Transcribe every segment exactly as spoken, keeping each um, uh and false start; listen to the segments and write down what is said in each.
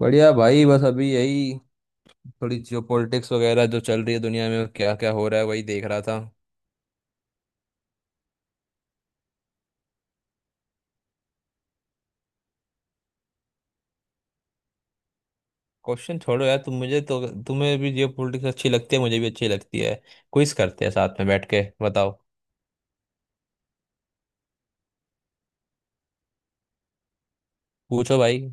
बढ़िया भाई। बस अभी यही थोड़ी जियो पॉलिटिक्स वगैरह जो चल रही है, दुनिया में क्या क्या हो रहा है वही देख रहा था। क्वेश्चन छोड़ो यार। तुम मुझे तो, तुम्हें भी जियो पॉलिटिक्स अच्छी लगती है, मुझे भी अच्छी लगती है। क्विज करते हैं साथ में बैठ के, बताओ। पूछो भाई।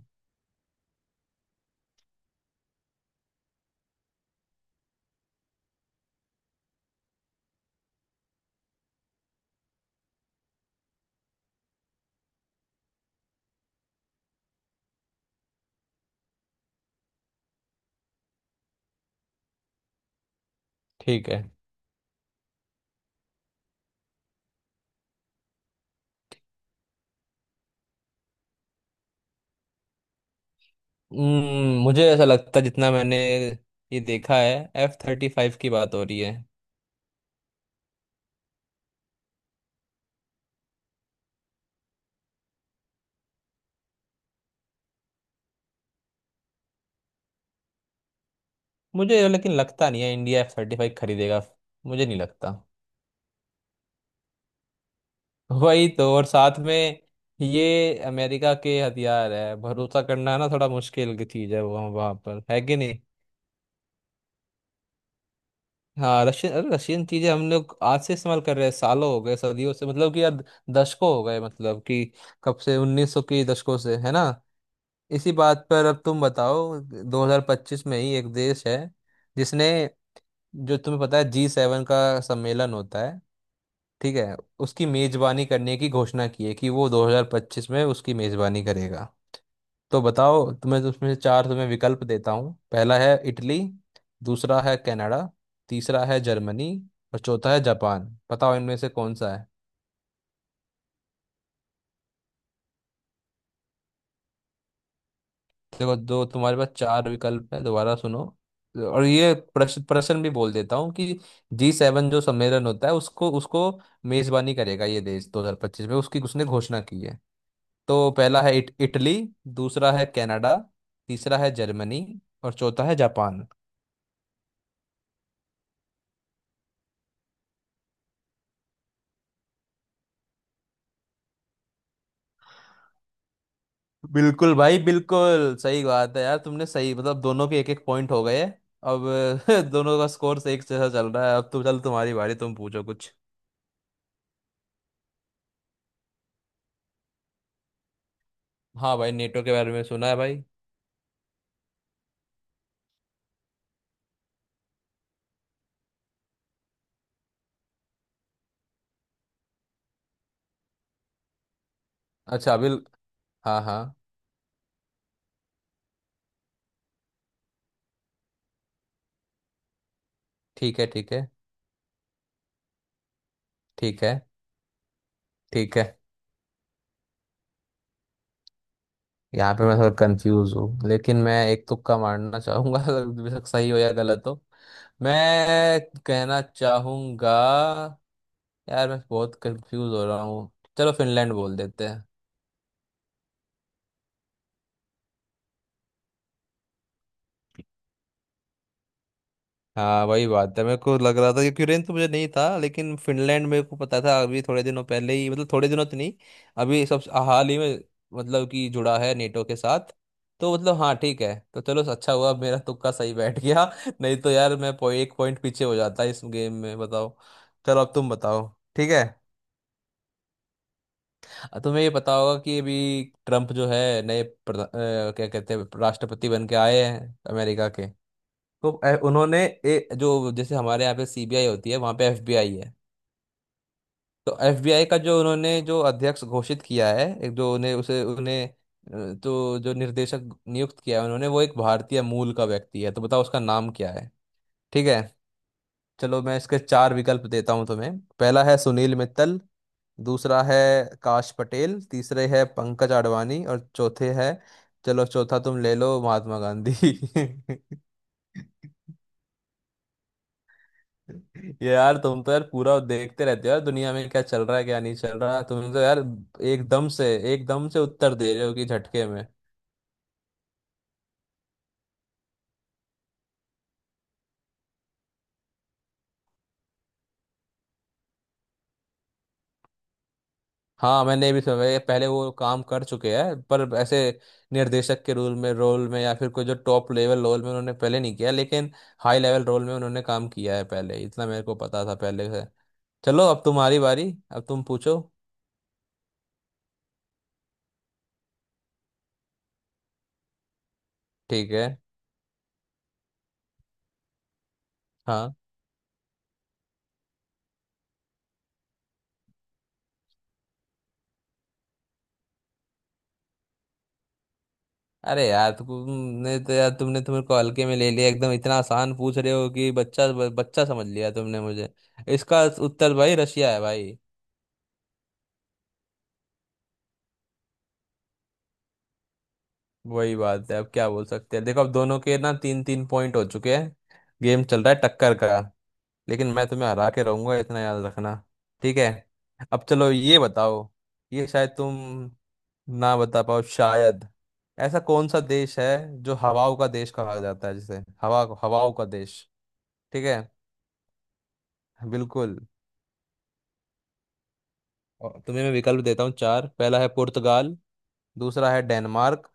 ठीक है। हम्म, मुझे ऐसा लगता है, जितना मैंने ये देखा है, एफ थर्टी फाइव की बात हो रही है। मुझे लेकिन लगता नहीं है इंडिया एफ थर्टी फाइव खरीदेगा। मुझे नहीं लगता। वही तो। और साथ में, ये अमेरिका के हथियार है, भरोसा करना ना थोड़ा मुश्किल की चीज है, वो वहां पर है कि नहीं। हाँ रशियन, अरे रशियन चीजें हम लोग आज से इस्तेमाल कर रहे हैं, सालों हो गए, सदियों से मतलब कि यार, दशकों हो गए मतलब कि, कब से उन्नीस सौ के दशकों से है ना। इसी बात पर अब तुम बताओ, दो हज़ार पच्चीस में ही एक देश है जिसने, जो तुम्हें पता है जी सेवन का सम्मेलन होता है, ठीक है, उसकी मेजबानी करने की घोषणा की है कि वो दो हज़ार पच्चीस में उसकी मेजबानी करेगा। तो बताओ तुम्हें, तो उसमें से चार तुम्हें विकल्प देता हूँ। पहला है इटली, दूसरा है कनाडा, तीसरा है जर्मनी, और चौथा है जापान। बताओ इनमें से कौन सा है। देखो दो तुम्हारे पास चार विकल्प है, दोबारा सुनो। और ये प्रश्न प्रश्न भी बोल देता हूँ कि जी सेवन जो सम्मेलन होता है, उसको उसको मेजबानी करेगा ये देश दो हज़ार पच्चीस में, उसकी उसने घोषणा की है। तो पहला है इट, इटली, दूसरा है कनाडा, तीसरा है जर्मनी, और चौथा है जापान। बिल्कुल भाई, बिल्कुल सही बात है यार। तुमने सही मतलब, दोनों के एक एक पॉइंट हो गए। अब दोनों का स्कोर एक जैसा चल रहा है। अब तो चल, तुम्हारी बारी, तुम पूछो कुछ। हाँ भाई, नेटो के बारे में सुना है भाई। अच्छा अभी। हाँ, हाँ। ठीक है, ठीक है। ठीक है। ठीक है। यहाँ पे मैं थोड़ा कंफ्यूज हूँ, लेकिन मैं एक तुक्का मारना चाहूंगा अगर बेशक सही हो या गलत हो। मैं कहना चाहूंगा, यार मैं बहुत कंफ्यूज हो रहा हूँ। चलो, फिनलैंड बोल देते। हाँ वही बात है, मेरे को लग रहा था कि यूक्रेन तो मुझे नहीं था, लेकिन फिनलैंड मेरे को पता था। अभी थोड़े दिनों पहले ही, मतलब थोड़े दिनों तो नहीं, अभी सब हाल ही में मतलब कि जुड़ा है नेटो के साथ। तो मतलब हाँ ठीक है, तो चलो अच्छा हुआ मेरा तुक्का सही बैठ गया, नहीं तो यार मैं पॉइ- एक पॉइंट पीछे हो जाता इस गेम में, बताओ। चलो अब तुम बताओ। ठीक है। अ, तुम्हें ये पता होगा कि अभी ट्रम्प जो है नए प्रधा- अ, क्या कहते हैं, राष्ट्रपति बन के आए हैं अमेरिका के। तो ए- उन्होंने ए, जो जैसे हमारे यहाँ पे सी बी आई होती है, वहाँ पे एफ बी आई है। तो एफ बी आई का जो उन्होंने जो अध्यक्ष घोषित किया है, एक, जो उन्हें उसे उन्हें अ, तो जो निर्देशक नियुक्त किया है उन्होंने, वो एक भारतीय मूल का व्यक्ति है, तो बताओ उसका नाम क्या है। ठीक है। चलो मैं इसके चार विकल्प देता हूँ तुम्हें। पहला है सुनील मित्तल, दूसरा है काश पटेल, तीसरे है पंकज आडवाणी, और चौथे है, चलो चौथा तुम ले लो महात्मा गांधी। ये यार, तुम तो यार पूरा देखते रहते हो यार दुनिया में क्या चल रहा है क्या नहीं चल रहा, तुम तो यार एकदम से एकदम से उत्तर दे रहे हो कि झटके में। हाँ मैंने भी सुना है, पहले वो काम कर चुके हैं, पर ऐसे निर्देशक के रोल में रोल में या फिर कोई जो टॉप लेवल रोल में उन्होंने पहले नहीं किया, लेकिन हाई लेवल रोल में उन्होंने काम किया है पहले, इतना मेरे को पता था पहले से। चलो अब तुम्हारी बारी, अब तुम पूछो। ठीक है। हाँ। अरे यार, तुमने तो यार, तुमने तुम्हें को हल्के में ले लिया, एकदम इतना आसान पूछ रहे हो कि बच्चा, ब- बच्चा समझ लिया तुमने मुझे। इसका उत्तर भाई रशिया है भाई। वही बात है अब क्या बोल सकते हैं, देखो अब दोनों के ना तीन तीन पॉइंट हो चुके हैं। गेम चल रहा है टक्कर का। लेकिन मैं तुम्हें हरा के रहूंगा, इतना याद रखना। ठीक है। अब चलो ये बताओ, ये शायद तुम ना बता पाओ शायद। ऐसा कौन सा देश है जो हवाओं का देश कहा जाता है, जिसे हवा, हवाओं का देश। ठीक है। बिल्कुल। और तुम्हें मैं विकल्प देता हूँ चार। पहला है पुर्तगाल, दूसरा है डेनमार्क,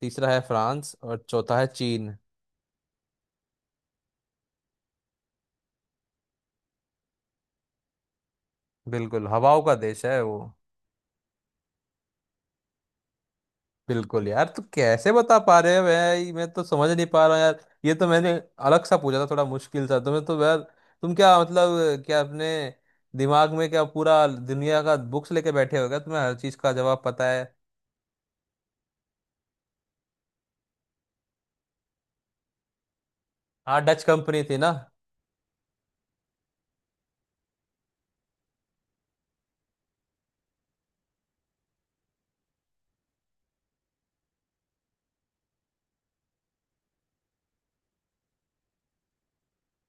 तीसरा है फ्रांस, और चौथा है चीन। बिल्कुल हवाओं का देश है वो। बिल्कुल यार, तू कैसे बता पा रहे हो भाई, मैं तो समझ नहीं पा रहा हूँ यार। ये तो मैंने अलग सा पूछा था, थोड़ा मुश्किल सा। तुम्हें तो यार, तुम क्या मतलब, क्या अपने दिमाग में क्या पूरा दुनिया का बुक्स लेके बैठे हो क्या, तुम्हें हर चीज का जवाब पता है। हाँ, डच कंपनी थी ना।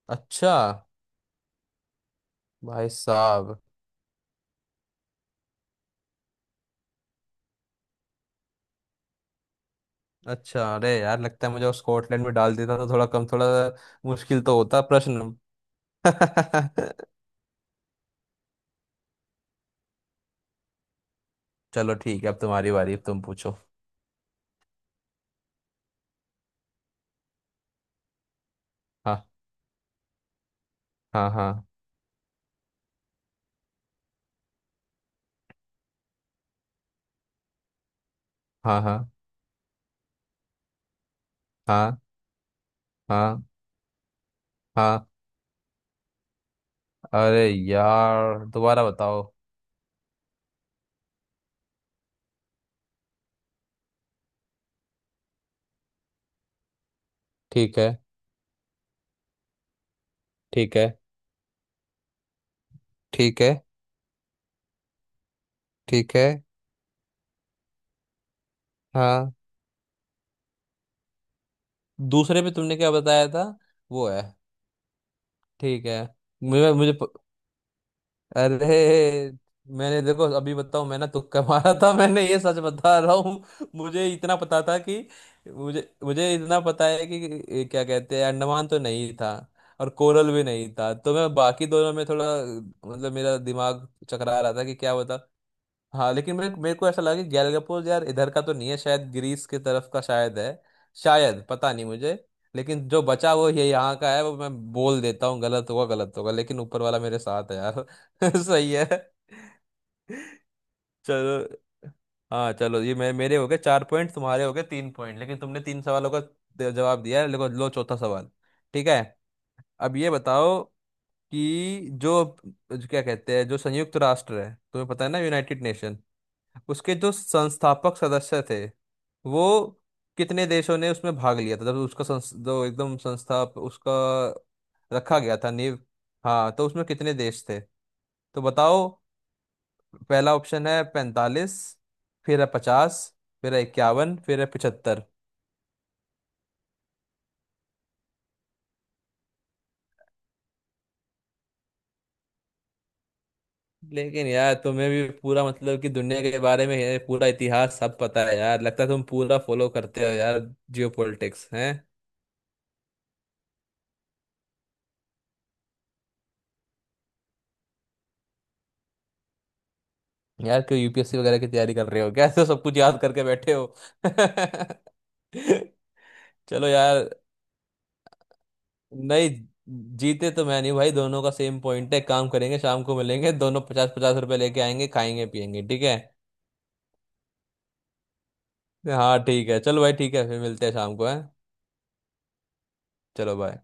अच्छा। भाई साहब। अच्छा, अरे यार लगता है मुझे वो स्कॉटलैंड में डाल देता तो थोड़ा कम, थोड़ा मुश्किल तो होता प्रश्न। चलो ठीक है, अब तुम्हारी बारी, अब तुम पूछो। हाँ, हाँ, हाँ, हाँ, हाँ, हाँ, हाँ, हाँ। अरे यार दोबारा बताओ। ठीक है, ठीक है, ठीक है, ठीक है। हाँ, दूसरे पे तुमने क्या बताया था? वो है। ठीक है। मुझे मुझे अरे, मैंने देखो अभी बताऊं मैं ना, तुक्का मारा था मैंने, ये सच बता रहा हूँ, मुझे इतना पता था कि, मुझे मुझे इतना पता है कि ये क्या कहते हैं, अंडमान तो नहीं था और कोरल भी नहीं था, तो मैं बाकी दोनों में थोड़ा, मतलब मेरा दिमाग चकरा रहा था कि क्या बता। हाँ लेकिन मेरे मेरे को ऐसा लगा कि गैलगपोस यार इधर का तो नहीं है शायद, ग्रीस की तरफ का शायद है, शायद पता नहीं मुझे। लेकिन जो बचा वो ये यहाँ का है, वो मैं बोल देता हूँ, गलत होगा गलत होगा, लेकिन ऊपर वाला मेरे साथ है यार। सही है। चलो। हाँ चलो, ये मेरे मेरे हो गए चार पॉइंट, तुम्हारे हो गए तीन पॉइंट, लेकिन तुमने तीन सवालों का द- जवाब दिया है। लो लो चौथा सवाल। ठीक है। अब ये बताओ कि जो, जो क्या कहते हैं, जो संयुक्त राष्ट्र है, तुम्हें पता है ना, यूनाइटेड नेशन, उसके जो संस्थापक सदस्य थे, वो कितने देशों ने उसमें भाग लिया था जब उसका संस, जो एकदम संस्था उसका रखा गया था नींव। हाँ तो उसमें कितने देश थे? तो बताओ, पहला ऑप्शन है पैंतालीस, फिर है पचास, फिर है इक्यावन, फिर है पिछहत्तर। लेकिन यार तुम्हें भी पूरा मतलब कि दुनिया के बारे में है, पूरा इतिहास सब पता है यार, लगता है तुम पूरा फॉलो करते हो यार, जियो पॉलिटिक्स है। यार क्यों यू पी एस सी वगैरह की तैयारी कर रहे हो क्या, ऐसे सब कुछ याद करके बैठे हो? चलो यार। नहीं, जीते तो मैं नहीं भाई, दोनों का सेम पॉइंट है। काम करेंगे, शाम को मिलेंगे दोनों, पचास पचास रुपए लेके आएंगे, खाएंगे पिएंगे, ठीक है। हाँ ठीक है, चलो भाई ठीक है, फिर मिलते हैं शाम को, है। चलो बाय।